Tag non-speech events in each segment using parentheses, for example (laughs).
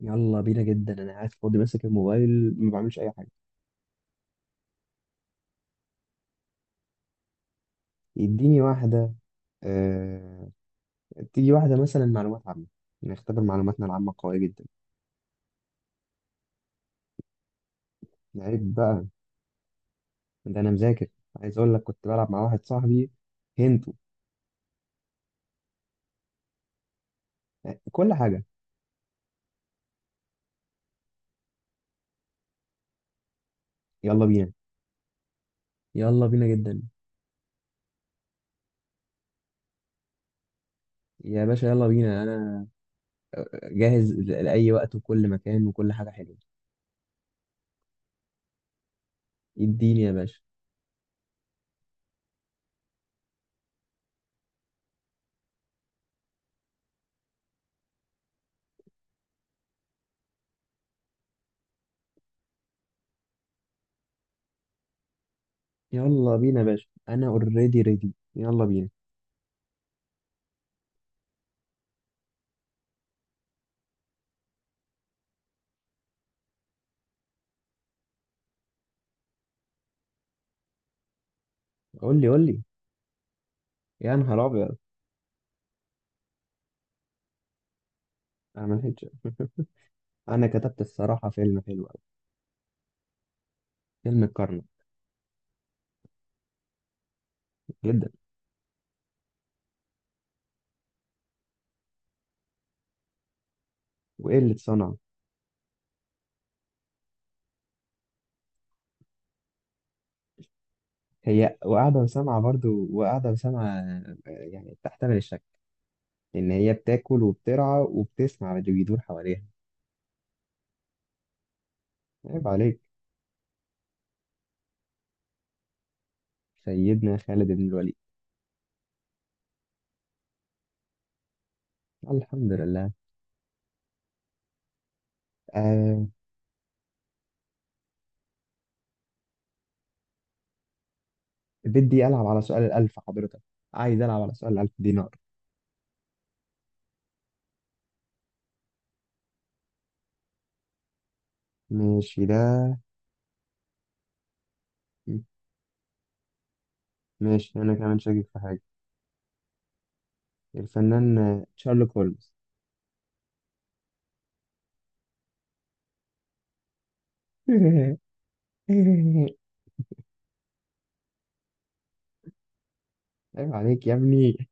يلا بينا جدا. انا قاعد فاضي ماسك الموبايل ما بعملش اي حاجه. يديني واحده. آه... تيجي واحده مثلا معلومات عامه. نختبر معلوماتنا العامه قويه جدا. عيب بقى، ده انا مذاكر. عايز اقول لك كنت بلعب مع واحد صاحبي هنتو. آه، كل حاجه. يلا بينا، يلا بينا جدا. يا باشا يلا بينا، انا جاهز لاي وقت وكل مكان وكل حاجه حلوه. اديني يا باشا. يلا بينا يا باشا، انا اوريدي ريدي، يلا بينا. قول لي. يا نهار ابيض، انا ما لحقتش. انا كتبت الصراحه فيلم حلو قوي، فيلم الكرنك جدا. وايه اللي اتصنع؟ هي وقاعده وسامعه برضو وقاعده وسامعه، يعني بتحتمل الشك ان هي بتاكل وبترعى وبتسمع اللي بيدور حواليها. عيب عليك. سيدنا خالد بن الوليد. الحمد لله. آه. بدي العب على سؤال الالف حضرتك، عايز العب على سؤال الالف دينار. ماشي ده. ماشي، انا كمان شاكك في حاجه. الفنان شارلوك هولمز. (laughs) عيب عليك يا ابني.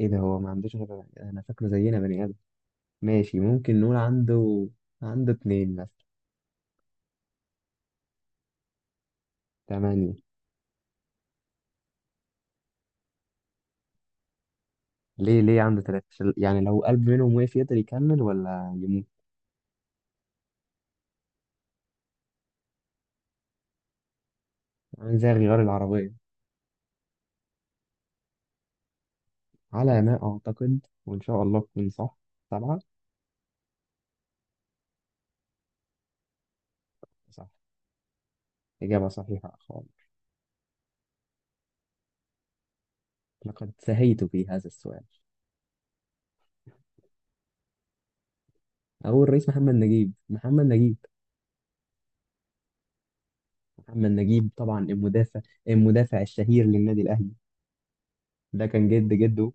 ايه ده، هو ما عندوش غير؟ انا فاكره زينا بني ادم. ماشي، ممكن نقول عنده، عنده اتنين مثلا. تمانية. ليه؟ ليه عنده تلاتة؟ يعني لو قلب منهم وقف يقدر يكمل ولا يموت. عامل زي غيار العربية. على ما أعتقد وإن شاء الله تكون صح، سبعة. صح. إجابة صحيحة خالص. لقد سهيت في هذا السؤال. أول الرئيس محمد نجيب، محمد نجيب طبعا المدافع، المدافع الشهير للنادي الأهلي. ده كان جد جده.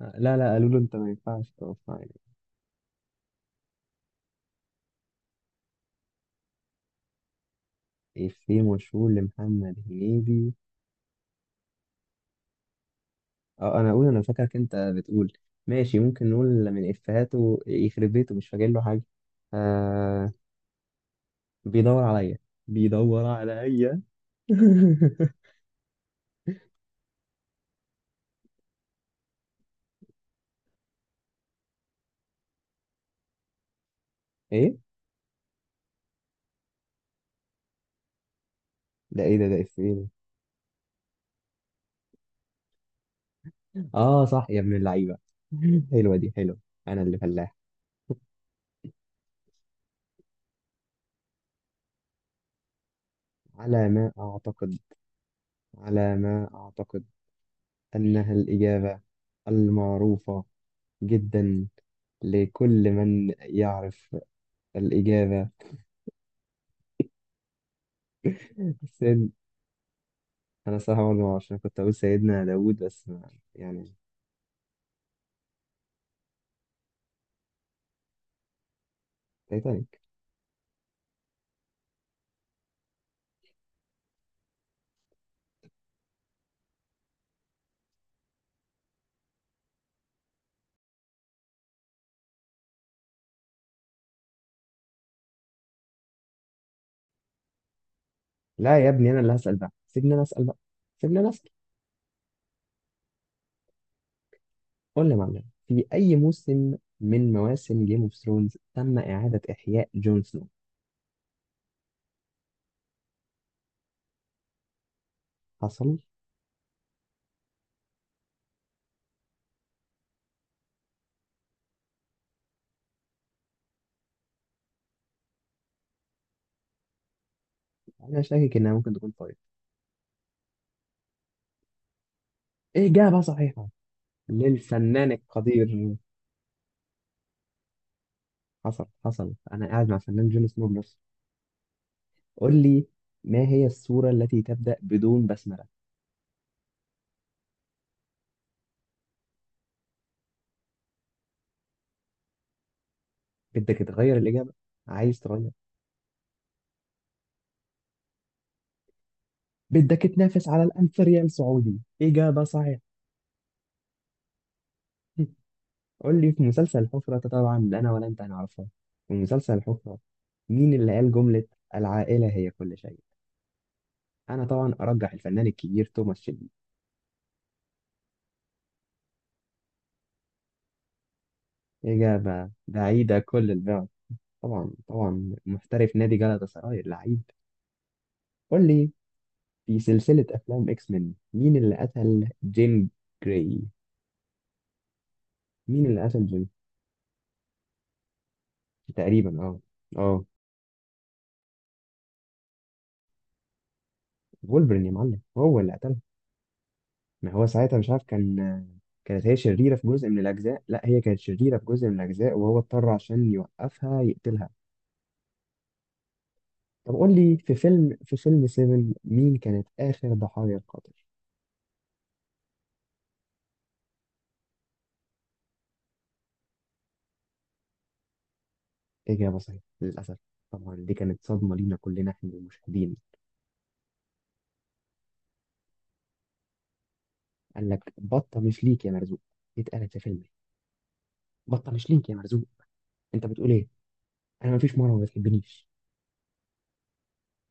آه، لا لا، قالوا له أنت ما ينفعش تقف. إفيه مشهور لمحمد هنيدي؟ اه انا اقول انا فاكرك انت بتقول. ماشي، ممكن نقول من افهاته، يخرب بيته مش فاكر له حاجه. آه. بيدور عليا بيدور عليا. (laughs) ايه ايه ده، افيه ده؟ اه صح يا ابن اللعيبه. (laughs) حلوه دي حلوه. انا اللي فلاح. على ما اعتقد على ما اعتقد انها الاجابه المعروفه جدا لكل من يعرف الاجابه. (laughs) انا صراحه برضه عشان كنت اقول سيدنا داوود بس ما- يعني. تايتانيك. لا يا ابني، انا اللي هسال بقى، سيبني انا اسال بقى، سيبني انا اسال. قول لي يا معلم، في اي موسم من مواسم جيم اوف ثرونز تم اعاده احياء جون سنو؟ حصل. انا شاكك انها ممكن تكون طارق. اجابه صحيحه للفنان القدير. حصل، انا قاعد مع فنان جون سنو بنفسه. قول لي، ما هي السوره التي تبدا بدون بسمله؟ بدك تغير الاجابه؟ عايز تغير؟ بدك تنافس على الألف ريال سعودي. إجابة صحيحة. (laughs) قول لي، في مسلسل الحفرة ده طبعا لا أنا ولا أنت هنعرفها. في مسلسل الحفرة، مين اللي قال جملة العائلة هي كل شيء؟ أنا طبعا أرجح الفنان الكبير توماس شيلبي. إجابة بعيدة كل البعد. طبعا طبعا، محترف نادي جلطة سراي اللعيب. قول لي، في سلسلة أفلام إكس مين، مين اللي قتل جيم جراي؟ مين اللي قتل جيم؟ تقريبا أه. أه. وولفرين يا معلم، هو اللي قتله. ما هو ساعتها مش عارف، كان كانت هي شريرة في جزء من الأجزاء، لا هي كانت شريرة في جزء من الأجزاء وهو اضطر عشان يوقفها يقتلها. طب قول لي، في فيلم 7، مين كانت آخر ضحايا القاتل؟ إجابة صحيحة للأسف. طبعا دي كانت صدمة لينا كلنا إحنا المشاهدين. قال لك بطة مش ليك يا مرزوق، دي اتقالت في فيلم. بطة مش ليك يا مرزوق، أنت بتقول إيه؟ أنا مفيش مرة ما بتحبنيش.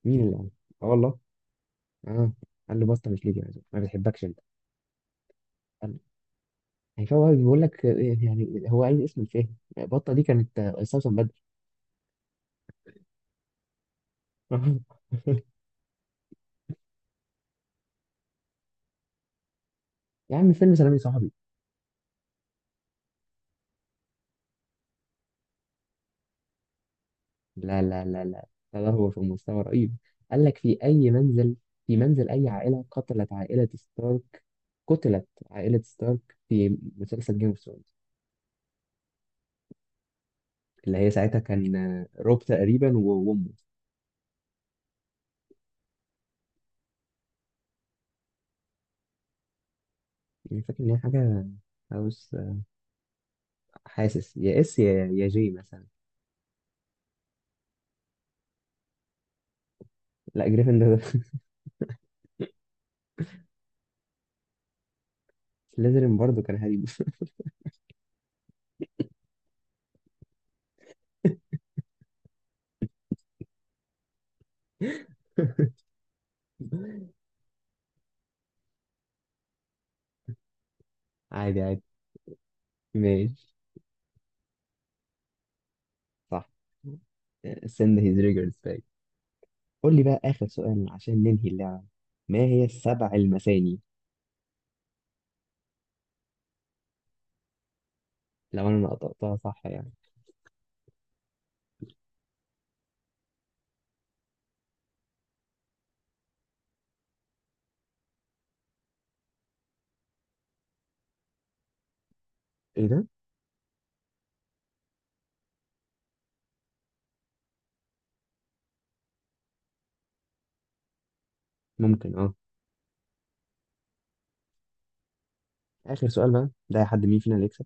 مين اللي قال؟ آه والله. آه. قال له بطة مش ليك يا مرزوق ما بتحبكش أنت. يعني فهو بيقول لك، يعني هو عايز اسم الفيلم. بطة دي كانت استوسن بدر. (laughs) يا عم، فيلم سلام يا صاحبي. لا لا لا لا، لا لا، هو في مستوى رهيب. قال لك في أي منزل، في منزل أي عائلة قتلت عائلة ستارك؟ قتلت عائلة ستارك في مسلسل جيم اوف ثرونز. اللي هي ساعتها كان آه، روب تقريبا وأمه. يعني فاكر إن هي حاجة هاوس آه، حاسس يا اس يا جي مثلا. لا جريفن ده. (laughs) سليزرين برضه كان هريب. (laughs) عادي عادي. ماشي. صح. send his regards back. قول لي بقى آخر سؤال عشان ننهي اللعبة. ما هي السبع المثاني؟ لو أنا نطقتها صح يعني. إيه ده؟ ممكن. أه. آخر سؤال بقى ده، حد مين فينا اللي يكسب.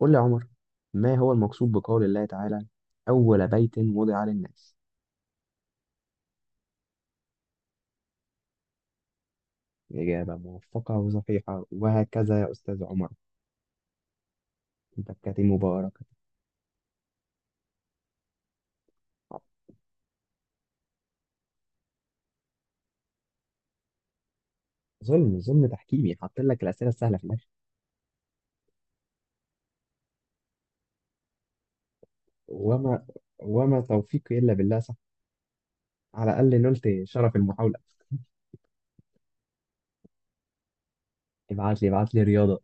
قول لي يا عمر، ما هو المقصود بقول الله تعالى أول بيت وضع للناس؟ إجابة موفقة وصحيحة، وهكذا يا أستاذ عمر. بكة مباركة. ظلم، ظلم تحكيمي، حاطط لك الأسئلة السهلة في الآخر. وما وما توفيقي إلا بالله، صح؟ على الأقل نلت شرف المحاولة. ابعت لي رياضة.